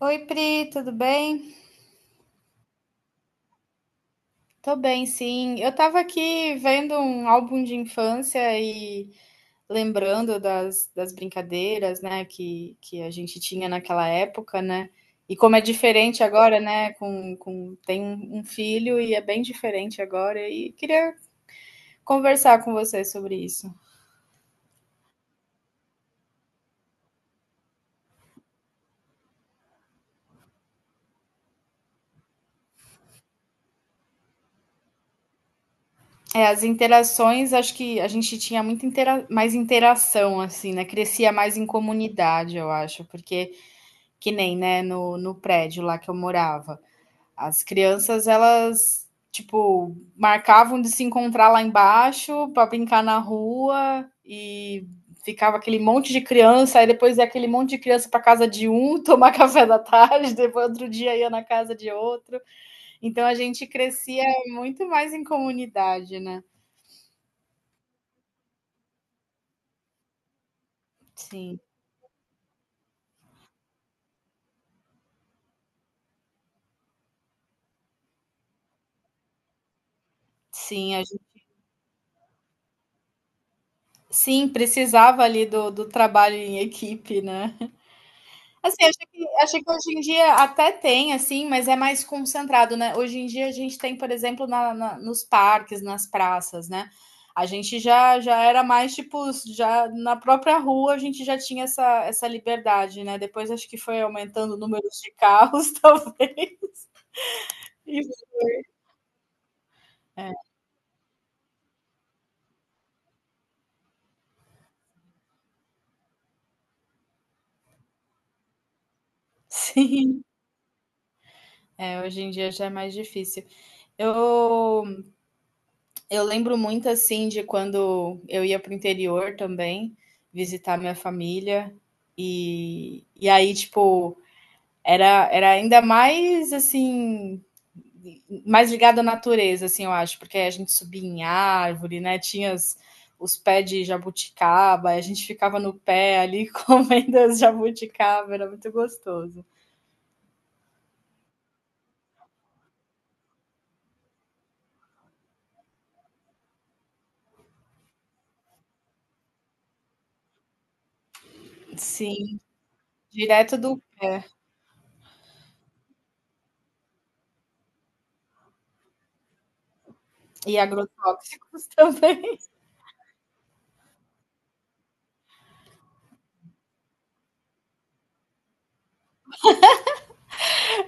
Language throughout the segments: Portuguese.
Oi, Pri, tudo bem? Tô bem, sim. Eu tava aqui vendo um álbum de infância e lembrando das brincadeiras, né, que a gente tinha naquela época, né? E como é diferente agora, né? Tem um filho e é bem diferente agora. E queria conversar com você sobre isso. É, as interações, acho que a gente tinha muito intera mais interação, assim, né? Crescia mais em comunidade, eu acho, porque. Que nem, né, no prédio lá que eu morava. As crianças, elas, tipo, marcavam de se encontrar lá embaixo para brincar na rua e ficava aquele monte de criança, aí depois ia aquele monte de criança para casa de um tomar café da tarde, depois outro dia ia na casa de outro. Então a gente crescia muito mais em comunidade, né? Sim, sim, a gente, sim, precisava ali do trabalho em equipe, né? Assim, acho que hoje em dia até tem, assim, mas é mais concentrado, né? Hoje em dia a gente tem, por exemplo, nos parques, nas praças, né? A gente já era mais, tipo, já na própria rua a gente já tinha essa liberdade, né? Depois acho que foi aumentando o número de carros, talvez. É, sim. É, hoje em dia já é mais difícil. Eu Eu lembro muito assim de quando eu ia para o interior também, visitar minha família, e aí, tipo, era ainda mais assim, mais ligado à natureza, assim, eu acho, porque a gente subia em árvore, né? Os pés de jabuticaba, a gente ficava no pé ali comendo as jabuticaba, era muito gostoso. Sim, direto do. E agrotóxicos também.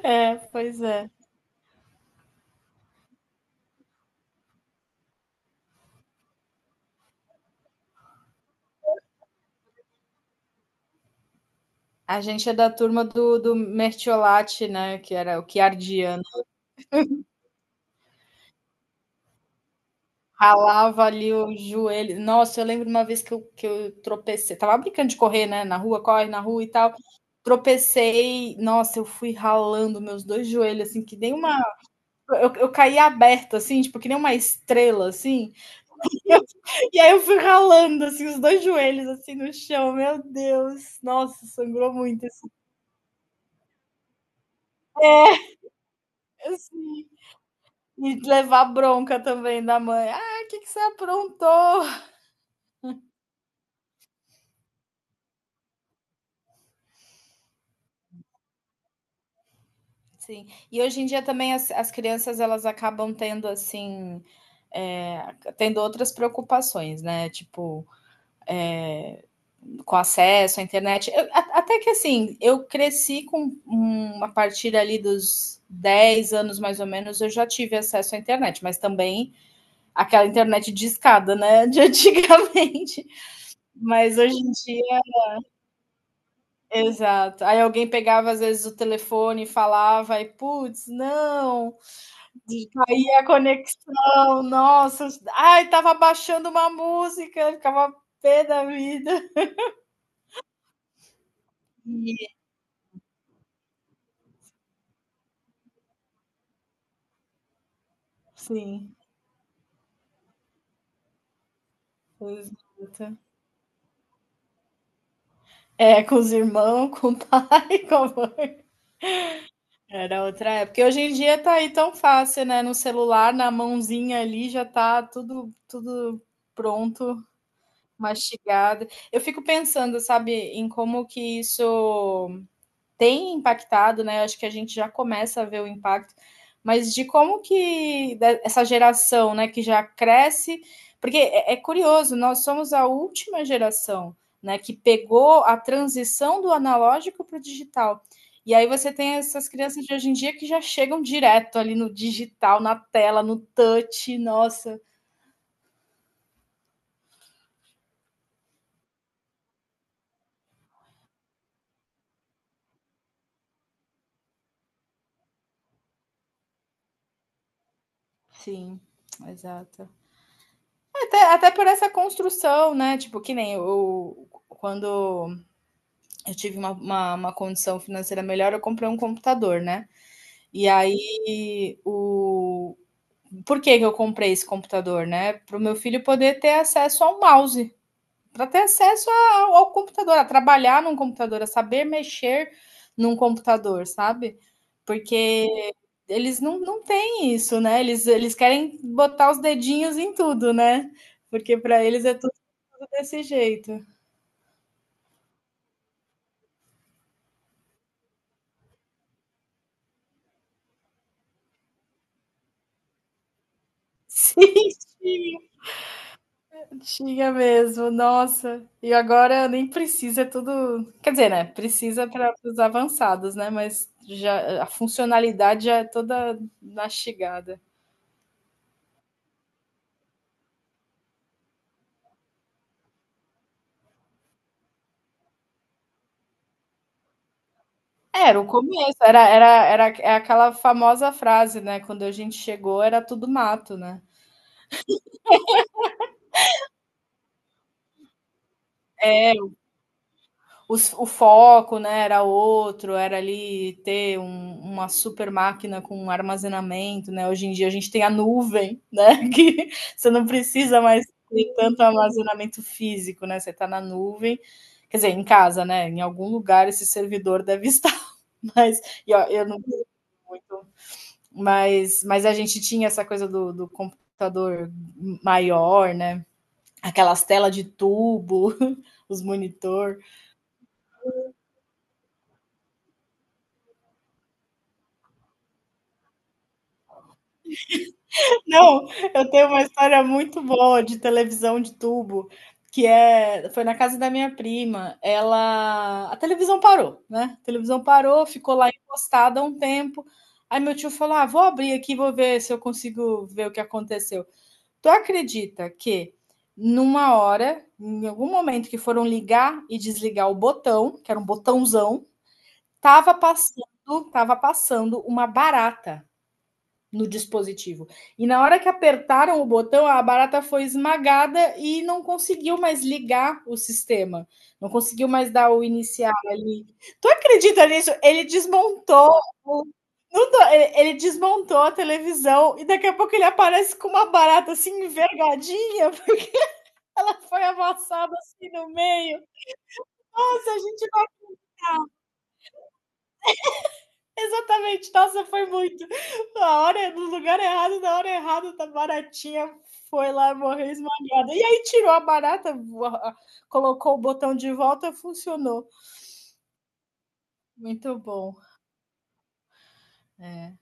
É, pois é. A gente é da turma do Mertiolate, né? Que era o Chiardiano. Ralava ali o joelho. Nossa, eu lembro uma vez que eu tropecei. Tava brincando de correr, né? Na rua, corre na rua e tal. Tropecei. Nossa, eu fui ralando meus dois joelhos, assim, que nem uma. Eu caí aberta, assim, tipo, que nem uma estrela, assim. E, eu- e aí eu fui ralando, assim, os dois joelhos, assim, no chão. Meu Deus. Nossa, sangrou muito. Assim. É, assim. E levar bronca também da mãe. "Ah, o que que você aprontou?" Sim. E hoje em dia também as crianças elas acabam tendo, assim, tendo outras preocupações, né, tipo, com acesso à internet. Eu a até que assim, eu cresci com a partir ali dos 10 anos, mais ou menos, eu já tive acesso à internet, mas também aquela internet discada, né, de antigamente. Mas hoje em dia Exato. Aí alguém pegava às vezes o telefone e falava e putz, não, de caía a conexão, nossa, ai tava baixando uma música, ficava pé da vida. E, sim, exato. É, com os irmãos, com o pai, com a mãe. Era outra época. E hoje em dia tá aí tão fácil, né? No celular, na mãozinha ali, já tá tudo, tudo pronto, mastigado. Eu fico pensando, sabe, em como que isso tem impactado, né? Acho que a gente já começa a ver o impacto, mas de como que essa geração, né, que já cresce, porque é curioso, nós somos a última geração, né, que pegou a transição do analógico para o digital. E aí você tem essas crianças de hoje em dia que já chegam direto ali no digital, na tela, no touch, nossa. Sim, exato. Até por essa construção, né? Tipo, que nem o, quando eu tive uma condição financeira melhor, eu comprei um computador, né? E aí, o... por que que eu comprei esse computador, né? Para o meu filho poder ter acesso ao mouse, para ter acesso ao computador, a trabalhar num computador, a saber mexer num computador, sabe? Porque eles não têm isso, né? Eles querem botar os dedinhos em tudo, né? Porque para eles é tudo, tudo desse jeito. Sim, sim. Tinha mesmo, nossa. E agora nem precisa, é tudo. Quer dizer, né? Precisa para os avançados, né? Mas já a funcionalidade já é toda mastigada. Era o começo, era era era é aquela famosa frase, né? Quando a gente chegou, era tudo mato, né? É. O foco né, era outro, era ali uma super máquina com armazenamento, né? Hoje em dia a gente tem a nuvem, né? Que você não precisa mais ter tanto armazenamento físico, né? Você está na nuvem. Quer dizer, em casa, né? Em algum lugar esse servidor deve estar, mas e eu não uso muito. Mas a gente tinha essa coisa do computador maior, né? Aquelas telas de tubo, os monitor. Não, eu tenho uma história muito boa de televisão de tubo, que é foi na casa da minha prima, ela a televisão parou, né, a televisão parou, ficou lá encostada há um tempo, aí meu tio falou: "Ah, vou abrir aqui, vou ver se eu consigo ver o que aconteceu". Tu acredita que numa hora, em algum momento que foram ligar e desligar o botão, que era um botãozão, tava passando tava passando uma barata no dispositivo. E na hora que apertaram o botão, a barata foi esmagada e não conseguiu mais ligar o sistema. Não conseguiu mais dar o iniciar ali. Tu acredita nisso? Ele desmontou. O- Não tô- ele- Desmontou a televisão e daqui a pouco ele aparece com uma barata assim envergadinha. Ela foi amassada assim no meio. Nossa, a gente Exatamente, nossa, foi muito. Na hora no lugar errado, na hora errada, da baratinha foi lá, morreu esmagada. E aí tirou a barata, voa colocou o botão de volta, funcionou. Muito bom. É,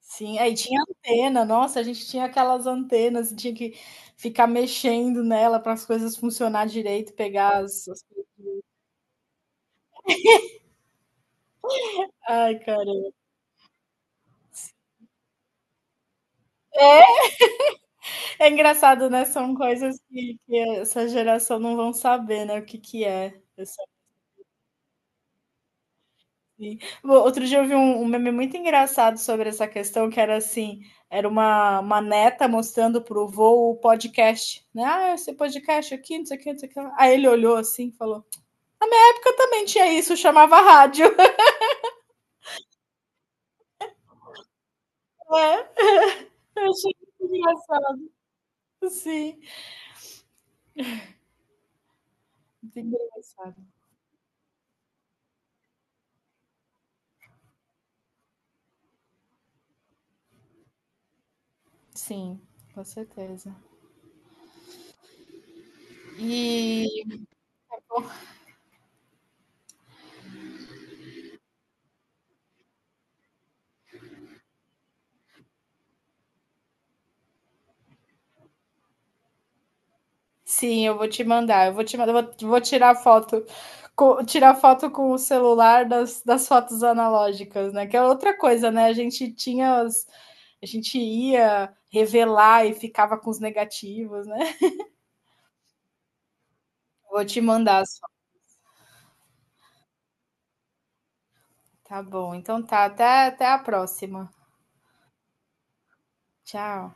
sim, aí tinha antena, nossa, a gente tinha aquelas antenas, tinha que ficar mexendo nela para as coisas funcionar direito, pegar as ai, cara É, é engraçado, né, são coisas que essa geração não vão saber, né, o que que é. Sim. Outro dia eu vi um meme muito engraçado sobre essa questão, que era assim, era uma neta mostrando para o vô o podcast, né? Ah, esse podcast aqui, não sei o que, não sei o que. Lá. Aí ele olhou assim e falou, na época também tinha isso, chamava rádio. É, eu achei muito engraçado, sim. Muito engraçado. Sim, com certeza. E Sim, eu vou te mandar. Eu vou te mandar, vou tirar foto, tirar foto com o celular das fotos analógicas, né? Que é outra coisa, né? A gente tinha as, a gente ia revelar e ficava com os negativos, né? Vou te mandar só. Tá bom. Então tá, até a próxima. Tchau.